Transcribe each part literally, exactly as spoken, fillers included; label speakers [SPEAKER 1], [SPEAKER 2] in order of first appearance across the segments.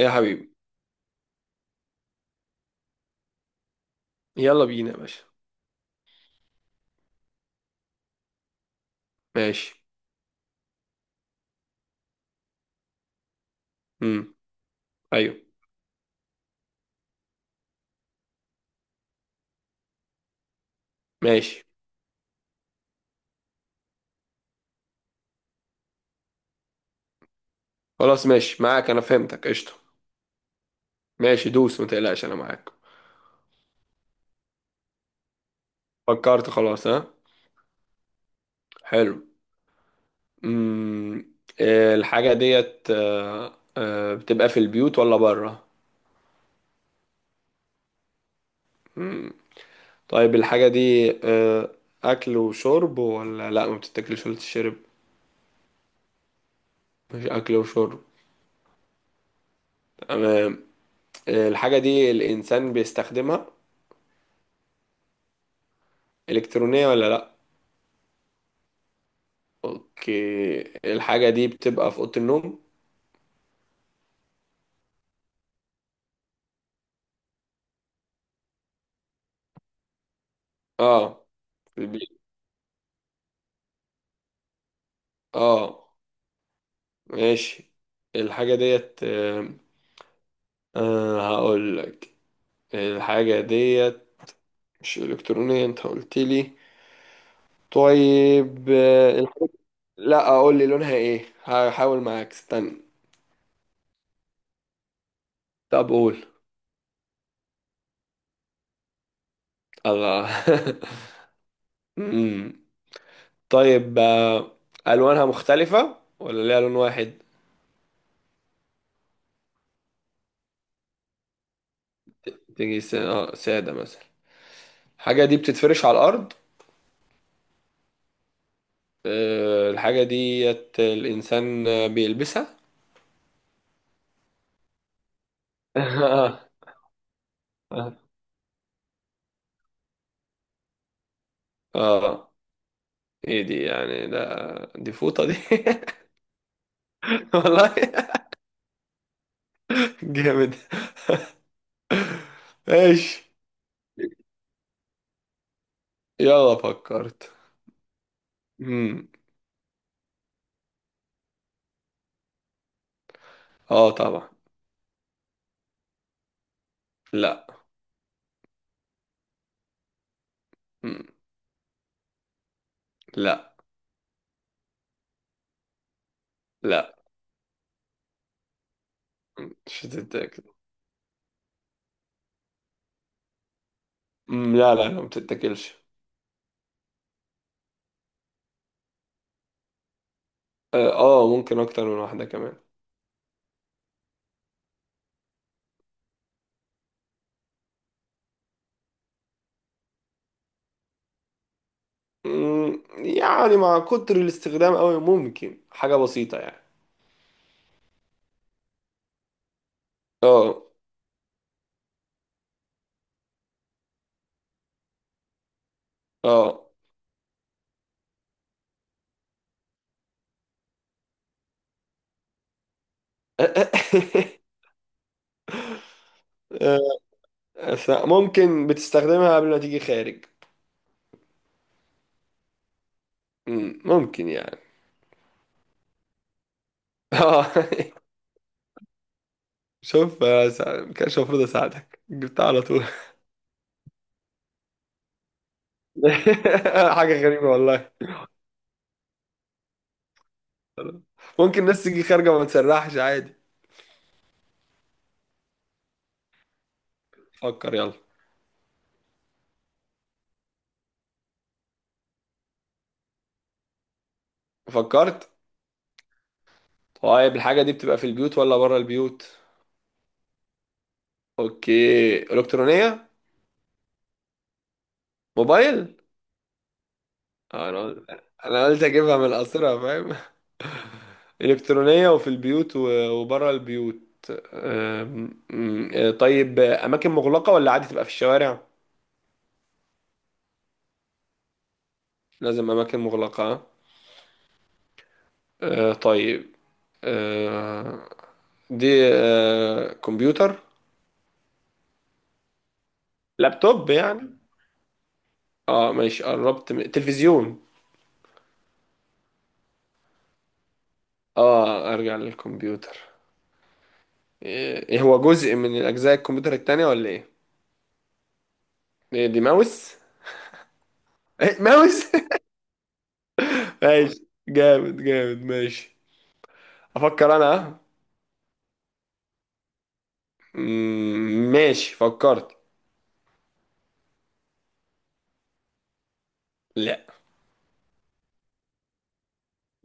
[SPEAKER 1] إيه يا حبيبي. يلا بينا يا باشا. ماشي. امم. ايوه. ماشي، خلاص، ماشي معاك، انا فهمتك قشطه. ماشي، دوس ما تقلقش، انا معاك. فكرت خلاص، ها. حلو. امم. آه، الحاجه ديت آه، آه، بتبقى في البيوت ولا بره؟ امم. طيب، الحاجه دي آه، اكل وشرب ولا لا ما بتتاكلش ولا تشرب؟ مش اكل وشرب. تمام. آه، الحاجه دي الانسان بيستخدمها، الكترونيه ولا لا؟ اوكي. الحاجة دي بتبقى في أوضة النوم؟ اه. في البيت. اه. ماشي. الحاجة ديت آه آه، هقول لك. الحاجة ديت مش إلكترونية، انت قلت لي. طيب، آه الحاجة. لا، اقول لي لونها ايه، هحاول معاك، استنى. طب قول. الله. أمم. طيب، آه ألوانها مختلفة ولا ليها لون واحد؟ تيجي س- آه، سادة مثلا؟ الحاجة دي بتتفرش على الأرض؟ آه، الحاجة ديت الإنسان بيلبسها؟ اه. اه. آه. ايه دي؟ يعني ده دي فوطة دي؟ والله. جامد. ايش. يلا فكرت. امم. اه طبعا. لا. مم. لا، لا. مم. مش هتتاكل. مم. لا، لا، لا، ما بتتاكلش. اه، آه، ممكن اكتر من واحدة كمان. مم. يعني مع كتر الاستخدام قوي ممكن حاجة بسيطة يعني. اه. اه. آه، ممكن بتستخدمها قبل ما تيجي خارج؟ مم، ممكن يعني. اه. شوف، آه، سا- كانش المفروض اساعدك، جبتها على طول. حاجة غريبة والله. ممكن الناس تيجي خارجة وما تسرحش عادي. فكر يلا. فكرت. طيب، الحاجة دي بتبقى في البيوت ولا بره البيوت؟ اوكي، الكترونية؟ موبايل؟ آه، انا قلت انا قلت اجيبها من القصيرة، فاهم؟ الكترونية، وفي البيوت و- وبره البيوت. أم، أم، آه، طيب، آه، اماكن مغلقة ولا عادي تبقى في الشوارع؟ لازم اماكن مغلقة. آه، طيب. آه دي. آه كمبيوتر؟ لابتوب يعني؟ اه، ماشي، قربت من تلفزيون؟ اه، ارجع للكمبيوتر. ايه إيه، هو جزء من الاجزاء الكمبيوتر التانية ولا ايه؟ ايه دي؟ ماوس؟ إيه، ماوس. ماشي، جامد جامد، ماشي. افكر انا، ها؟ مم، ماشي فكرت. لا.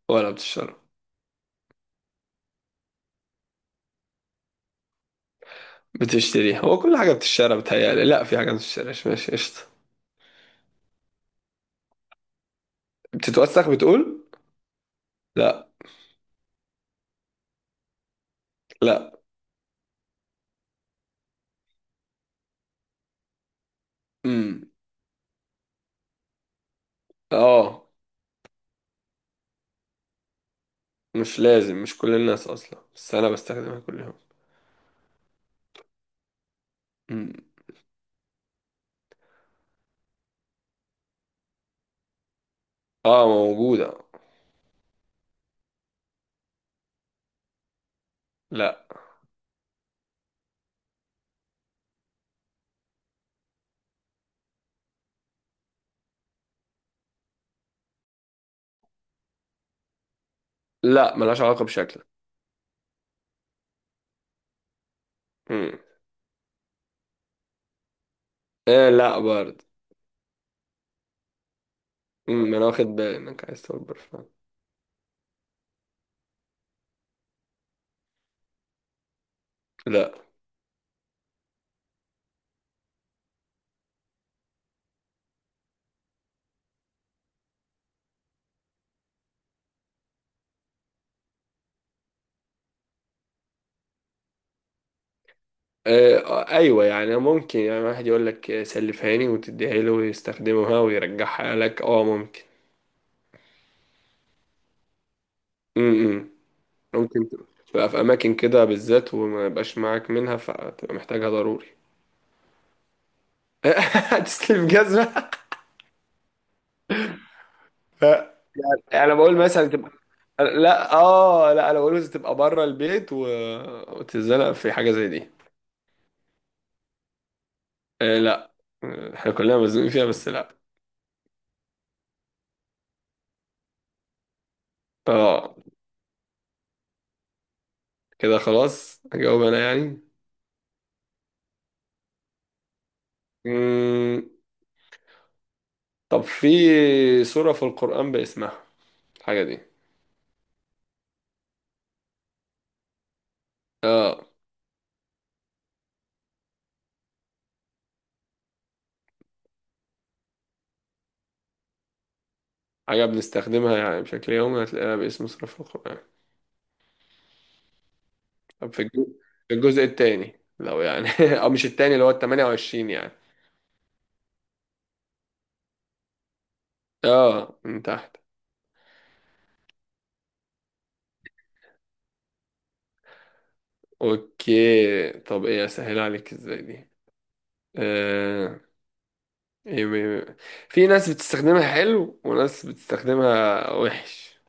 [SPEAKER 1] ولا بتشتري. بتشتري، هو كل حاجة بتشتري، بتهيألي لا، في حاجة ما بتشتريش، ماشي قشطة. بتتوسخ بتقول. لا. لا. امم. اه، مش لازم، مش كل الناس اصلا، بس انا بستخدمها كل يوم. مم. اه موجودة. لا. لا، ملهاش علاقة بشكلك. مم. آه، لا برضه. مم. ما انا واخد بالي انك عايز تقول برفان. لا. آه آه، ايوه، يعني ممكن، يعني واحد يقول لك آه، سلفها لي وتديها له ويستخدمها ويرجعها لك، اه، ممكن. مم. ممكن تبقى في اماكن كده بالذات وما يبقاش معاك منها فتبقى محتاجها ضروري. هتسلف جزمة؟ ف يعني انا بقول مثلا تبقى. لا، اه، لا، انا بقول مثلا تبقى بره البيت و. وتتزنق في حاجه زي دي. آه، لا. آه، احنا كلنا مزنوقين فيها، بس لا. اه. كده خلاص اجاوب انا يعني. مم. طب، في سوره في القران باسمها الحاجه دي؟ اه. حاجه بنستخدمها يعني بشكل يومي، هتلاقيها باسم سوره في القران. طب، في الجزء, في الجزء التاني لو يعني او مش التاني، اللي هو ال التمانية وعشرين يعني. اه، من تحت. اوكي، طب ايه اسهل عليك ازاي دي. آه... ايه إيه- إيه. في ناس بتستخدمها حلو وناس بتستخدمها وحش.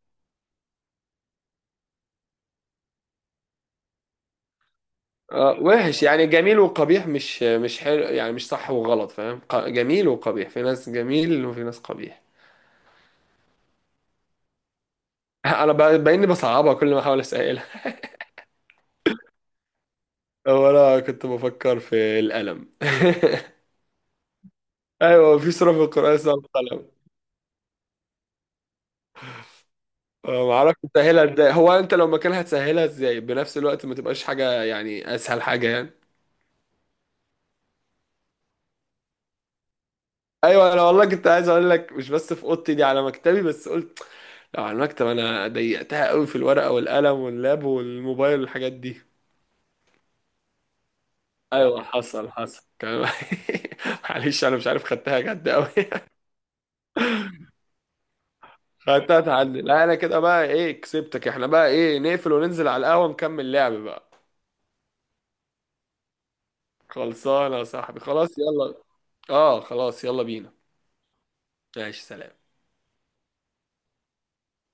[SPEAKER 1] آه وحش يعني جميل وقبيح، مش مش حلو يعني مش صح وغلط، فاهم؟ ق- جميل وقبيح، في ناس جميل وفي ناس قبيح. انا ب- باين لي بصعبها كل ما احاول اسالها. هو انا كنت بفكر في القلم. ايوه، في سورة في القرآن اسمها القلم. آه، معرفش تسهلها ازاي، هو انت لو مكانها هتسهلها ازاي بنفس الوقت ما تبقاش حاجة يعني، اسهل حاجة يعني. ايوه، انا والله كنت عايز اقول لك مش بس في اوضتي دي، على مكتبي، بس قلت. لو على المكتب انا ضيقتها قوي في الورقه والقلم واللاب والموبايل والحاجات دي. ايوه، حصل حصل كان- معلش، انا مش عارف خدتها جد قوي. خدتها تعدي، لا انا كده بقى ايه كسبتك، احنا بقى ايه، نقفل وننزل على القهوه نكمل لعب بقى. خلصانه يا صاحبي، خلاص يلا. اه خلاص يلا بينا. ماشي، سلام.